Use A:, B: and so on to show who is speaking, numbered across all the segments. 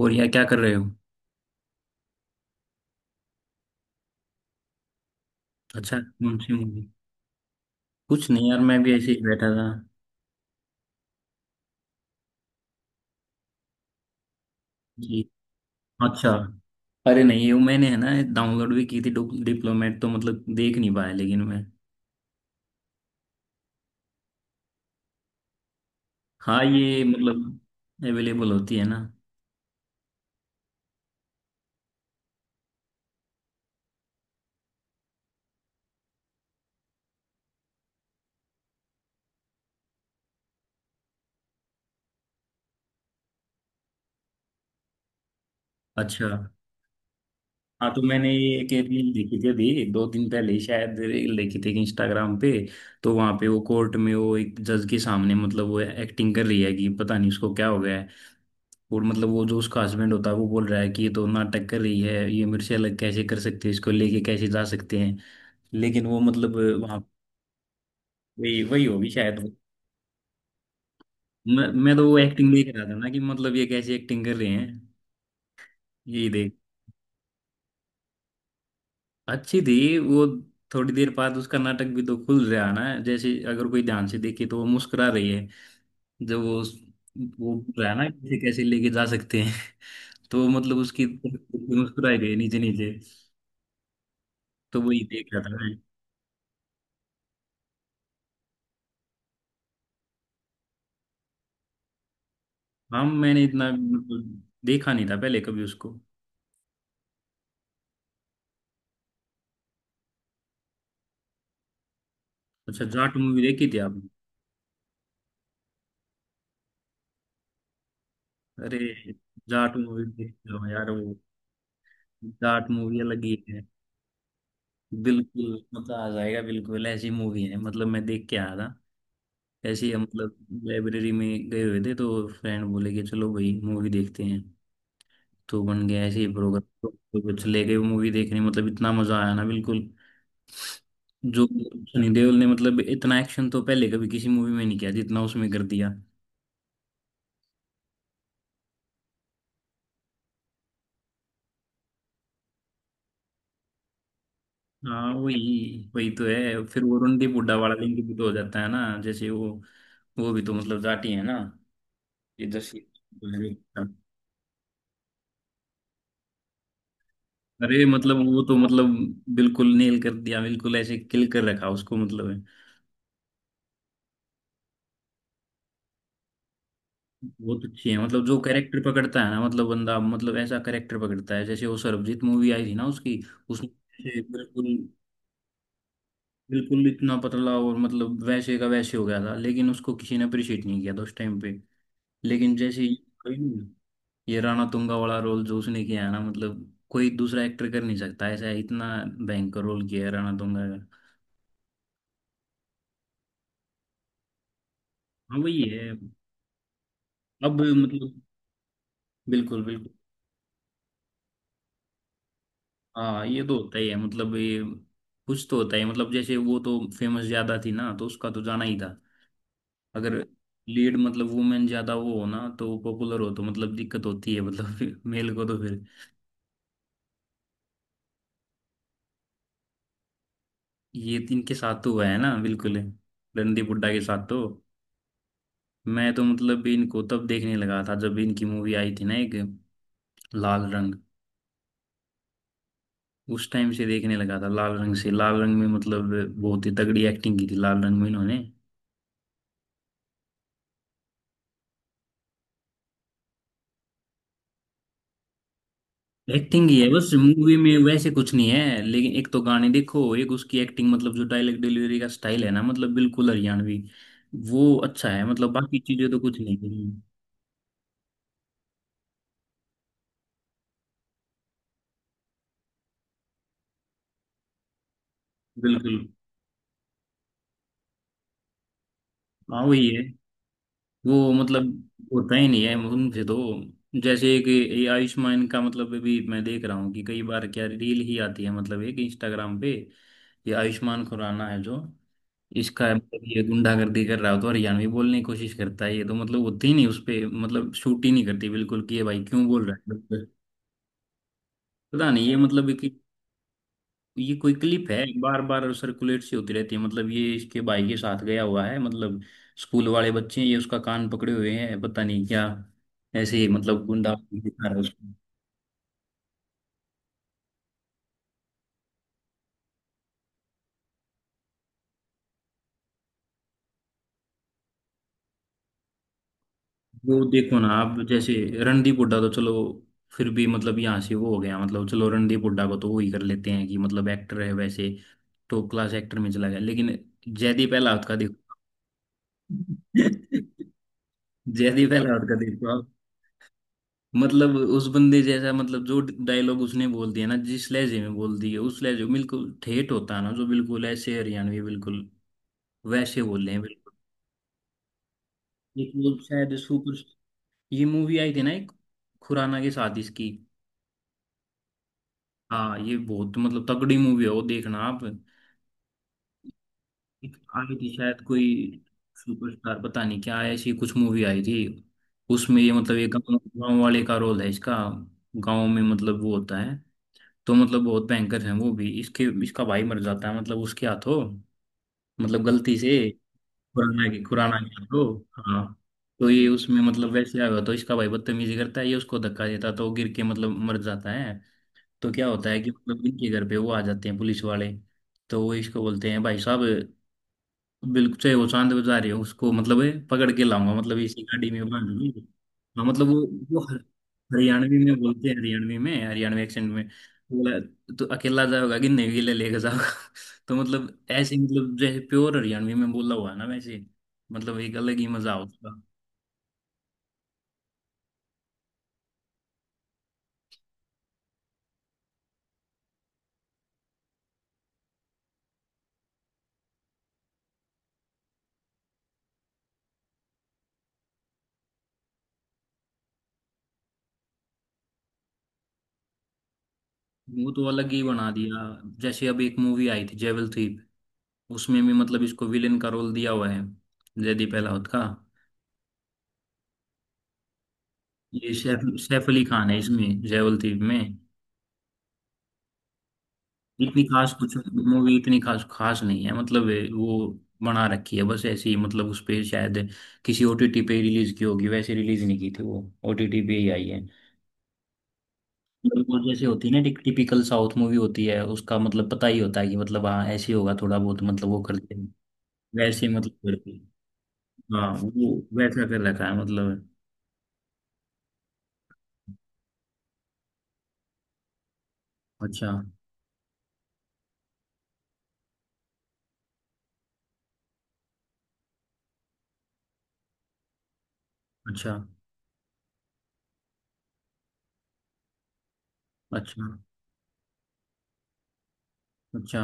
A: और यार क्या कर रहे हो। अच्छा, कौन सी मूवी? कुछ नहीं यार, मैं भी ऐसे ही बैठा था। जी। अच्छा। अरे नहीं, ये मैंने है ना डाउनलोड भी की थी। डिप्लोमेट तो मतलब देख नहीं पाया लेकिन मैं। हाँ ये मतलब अवेलेबल होती है ना। अच्छा। हाँ तो मैंने ये एक रील देखी थी अभी दो दिन पहले ही, शायद रील देखी थी इंस्टाग्राम पे। तो वहां पे वो कोर्ट में वो एक जज के सामने मतलब वो एक्टिंग कर रही है कि पता नहीं उसको क्या हो गया। और मतलब वो जो उसका हस्बैंड होता है वो बोल रहा है कि ये तो नाटक कर रही है, ये मेरे से अलग कैसे कर सकते हैं, इसको लेके कैसे जा सकते हैं। लेकिन वो मतलब वहाँ वही वही होगी शायद वो। मैं तो वो एक्टिंग देख रहा था ना कि मतलब ये कैसी एक्टिंग कर रहे हैं। यही देख। अच्छी थी वो। थोड़ी देर बाद उसका नाटक भी तो खुल रहा है ना, जैसे अगर कोई ध्यान से देखे तो वो मुस्कुरा रही है जब वो बोल रहा है ना कैसे कैसे लेके जा सकते हैं। तो मतलब उसकी मुस्कुराई गई नीचे नीचे। तो वही देख रहा था। हाँ मैंने इतना मतलब देखा नहीं था पहले कभी उसको। अच्छा जाट मूवी देखी थी आपने? अरे जाट मूवी देखते हो यार वो। जाट मूवी अलग ही है। बिल्कुल मजा आ जाएगा, बिल्कुल ऐसी मूवी है मतलब मैं देख के आया था। ऐसी हम मतलब लाइब्रेरी में गए हुए थे तो फ्रेंड बोले कि चलो भाई मूवी देखते हैं। तो बन गया ऐसे ही प्रोग्राम, तो कुछ ले गए मूवी देखने, मतलब इतना मजा आया ना बिल्कुल। जो सनी देओल ने मतलब इतना एक्शन तो पहले कभी किसी मूवी में नहीं किया जितना उसमें कर दिया। हाँ वही वही तो है, फिर वो रंडी बुड्ढा वाला लिंग भी तो हो जाता है ना, जैसे वो भी तो मतलब जाटी है ना। ये जैसे अरे मतलब वो तो मतलब बिल्कुल नेल कर दिया, बिल्कुल ऐसे किल कर रखा उसको, मतलब है। बहुत अच्छी है, मतलब जो कैरेक्टर पकड़ता है ना, मतलब बंदा मतलब ऐसा कैरेक्टर पकड़ता है, जैसे वो सरबजीत मूवी आई थी ना उसकी। उसमें ऐसे बिल्कुल बिल्कुल इतना पतला और मतलब वैसे का वैसे हो गया था, लेकिन उसको किसी ने अप्रिशिएट नहीं किया था उस टाइम पे। लेकिन जैसे ये राणा तुंगा वाला रोल जो उसने किया है ना, मतलब कोई दूसरा एक्टर कर नहीं सकता ऐसा, इतना भयंकर रोल किया है राणा तुंगा का। हाँ वही है। अब मतलब बिल्कुल बिल्कुल। हाँ ये तो होता ही है, मतलब ये कुछ तो होता ही है, मतलब जैसे वो तो फेमस ज्यादा थी ना, तो उसका तो जाना ही था। अगर लीड मतलब वुमेन ज्यादा वो हो ना, तो पॉपुलर हो, तो मतलब दिक्कत होती है मतलब मेल को तो फिर। ये इनके साथ तो हुआ है ना बिल्कुल, रणदीप हुड्डा के साथ तो। मैं तो मतलब भी इनको तब देखने लगा था जब इनकी मूवी आई थी ना एक, लाल रंग। उस टाइम से देखने लगा था, लाल रंग से, लाल रंग में मतलब बहुत ही तगड़ी एक्टिंग की थी लाल रंग में इन्होंने। एक्टिंग ही है बस, मूवी में वैसे कुछ नहीं है, लेकिन एक तो गाने देखो, एक उसकी एक्टिंग, मतलब जो डायलॉग डिलीवरी का स्टाइल है ना मतलब बिल्कुल हरियाणवी। वो अच्छा है, मतलब बाकी चीजें तो कुछ नहीं है। बिल्कुल। हाँ वही है। वो मतलब होता ही नहीं है उनसे तो। जैसे एक ये आयुष्मान का, मतलब अभी मैं देख रहा हूँ कि कई बार क्या रील ही आती है मतलब एक इंस्टाग्राम पे, ये आयुष्मान खुराना है जो, इसका मतलब ये गुंडागर्दी कर रहा हो तो हरियाणवी बोलने की कोशिश करता है, ये तो मतलब होती ही नहीं उस पे मतलब शूट ही नहीं करती बिल्कुल कि ये भाई क्यों बोल रहा है। पता नहीं ये मतलब कि ये कोई क्लिप है, बार बार सर्कुलेट सी होती रहती है, मतलब ये इसके भाई के साथ गया हुआ है मतलब स्कूल वाले बच्चे हैं, ये उसका कान पकड़े हुए हैं, पता नहीं क्या ऐसे ही मतलब गुंडा दिखा रहा है उसको। वो देखो ना आप, जैसे रणदीप हुड्डा तो चलो, फिर भी मतलब यहाँ से वो हो गया, मतलब चलो रणदीप हुड्डा को तो वो ही कर लेते हैं कि मतलब एक्टर है वैसे, टॉप क्लास एक्टर में चला गया, लेकिन जयदीप अहलावत का देखो। जयदीप अहलावत का देखो मतलब उस बंदे जैसा, मतलब जो डायलॉग उसने बोल दिया ना जिस लहजे में बोल दिए, उस लहजे में बिल्कुल ठेठ होता है ना, जो बिल्कुल ऐसे हरियाणवी बिल्कुल वैसे बोल रहे हैं बिल्कुल। एक वो शायद सुपर, ये मूवी आई थी ना एक खुराना के साथ इसकी। हाँ ये बहुत मतलब तगड़ी मूवी है, वो देखना आप। एक आई थी शायद कोई सुपरस्टार, पता नहीं क्या ऐसी कुछ मूवी आई थी। उसमें ये मतलब ये गाँव गाँव वाले का रोल है इसका, गाँव में मतलब वो होता है, तो मतलब बहुत भयंकर है। वो भी इसके, इसका भाई मर जाता है मतलब उसके हाथों, मतलब गलती से, खुराना के, खुराना के हाथों। हाँ तो ये उसमें मतलब वैसे आया हुआ तो इसका भाई बदतमीजी करता है, ये उसको धक्का देता है, तो गिर के मतलब मर जाता है। तो क्या होता है कि मतलब इनके घर पे वो आ जाते हैं पुलिस वाले, तो वो इसको बोलते हैं भाई साहब, बिल्कुल चाहे वो चांद पे जा रही हो उसको मतलब ये पकड़ के लाऊंगा, मतलब इसी गाड़ी में बांधूंगी। हाँ मतलब वो वो हर- हरियाणवी में बोलते हैं, हरियाणवी में, हरियाणवी एक्सेंट में बोला। तो अकेला जाओगा कि नहीं, गिले लेके जाओगा। तो मतलब ऐसे, मतलब जैसे प्योर हरियाणवी में बोला हुआ है ना वैसे, मतलब एक अलग ही मजा उसका। वो तो अलग ही बना दिया। जैसे अब एक मूवी आई थी जेवल थीप, उसमें भी मतलब इसको विलेन का रोल दिया हुआ है जयदीप अहलावत का। ये सैफ, सैफ अली खान है इसमें जेवल थीप में। इतनी खास कुछ मूवी इतनी खास खास नहीं है, मतलब ये वो बना रखी है बस ऐसे ही, मतलब उस पे शायद किसी ओटीटी पे रिलीज की होगी, वैसे रिलीज नहीं की थी वो, ओटीटी पे ही आई है। मतलब वो जैसे होती है ना टिपिकल साउथ मूवी होती है, उसका मतलब पता ही होता है कि मतलब हाँ ऐसे ही होगा, थोड़ा बहुत मतलब वो करते हैं, वैसे ही मतलब करते हैं। हाँ वो वैसा कर रखा है मतलब। अच्छा। अच्छा। अच्छा। अच्छा।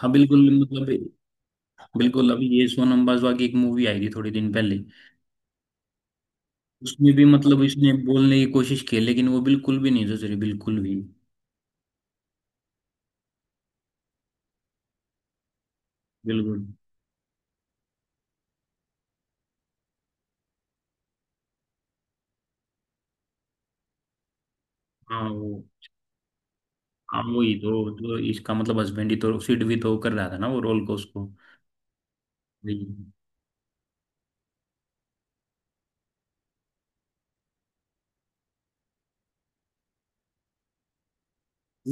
A: हाँ बिल्कुल मतलब बिल्कुल। अभी ये सोनम बाजवा की एक मूवी आई थी थोड़े दिन पहले, उसने भी मतलब इसने बोलने की कोशिश की, लेकिन वो बिल्कुल भी नहीं सुधरी, बिल्कुल भी। बिल्कुल। हाँ वो। हाँ वही तो इसका मतलब हस्बैंड ही तो, सिड भी तो कर रहा था ना वो रोल को उसको। लेकिन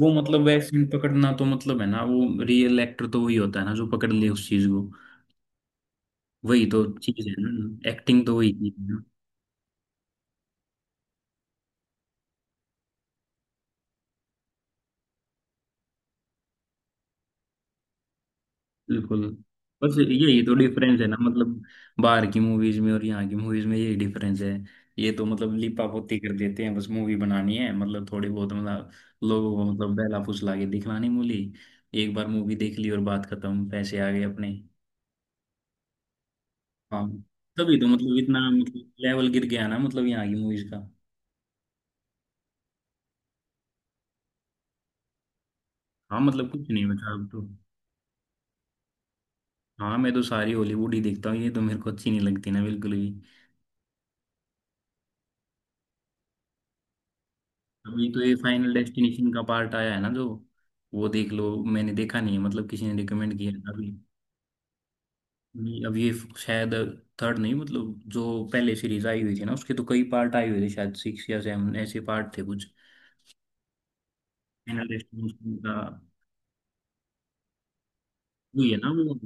A: वो मतलब वैसे पकड़ना तो मतलब है ना, वो रियल एक्टर तो वही होता है ना जो पकड़ ले उस चीज को, वही तो चीज है ना, एक्टिंग तो वही थी। बिल्कुल। बस यही तो डिफरेंस है ना मतलब, बाहर की मूवीज में और यहाँ की मूवीज में यही डिफरेंस है। ये तो मतलब लिपा पोती कर देते हैं, बस मूवी बनानी है, मतलब थोड़ी बहुत मतलब लोगों को मतलब बहला फुसला के दिखलानी मूली, एक बार मूवी देख ली और बात खत्म, पैसे आ गए अपने। हाँ तभी तो मतलब इतना मतलब लेवल गिर गया ना मतलब यहाँ की मूवीज का। हाँ मतलब कुछ नहीं बचा अब तो। हाँ मैं तो सारी हॉलीवुड ही देखता हूँ, ये तो मेरे को अच्छी नहीं लगती ना बिल्कुल भी। अभी तो ये फाइनल डेस्टिनेशन का पार्ट आया है ना जो, वो देख लो, मैंने देखा नहीं है, मतलब किसी ने रिकमेंड किया है। अभी नहीं, अब ये शायद थर्ड नहीं, मतलब जो पहले सीरीज आई हुई थी ना उसके तो कई पार्ट आए हुए थे, शायद 6 या 7 ऐसे पार्ट थे कुछ, फाइनल डेस्टिनेशन का। वही है ना वो,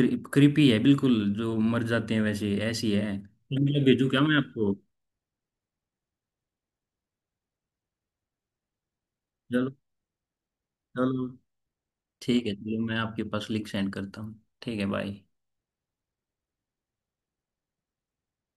A: क्रिपी है बिल्कुल, जो मर जाते हैं वैसे ऐसी है, मतलब भेजू क्या मैं आपको? चलो, चलो। ठीक है, चलो मैं आपके पास लिंक सेंड करता हूँ। ठीक है, बाय।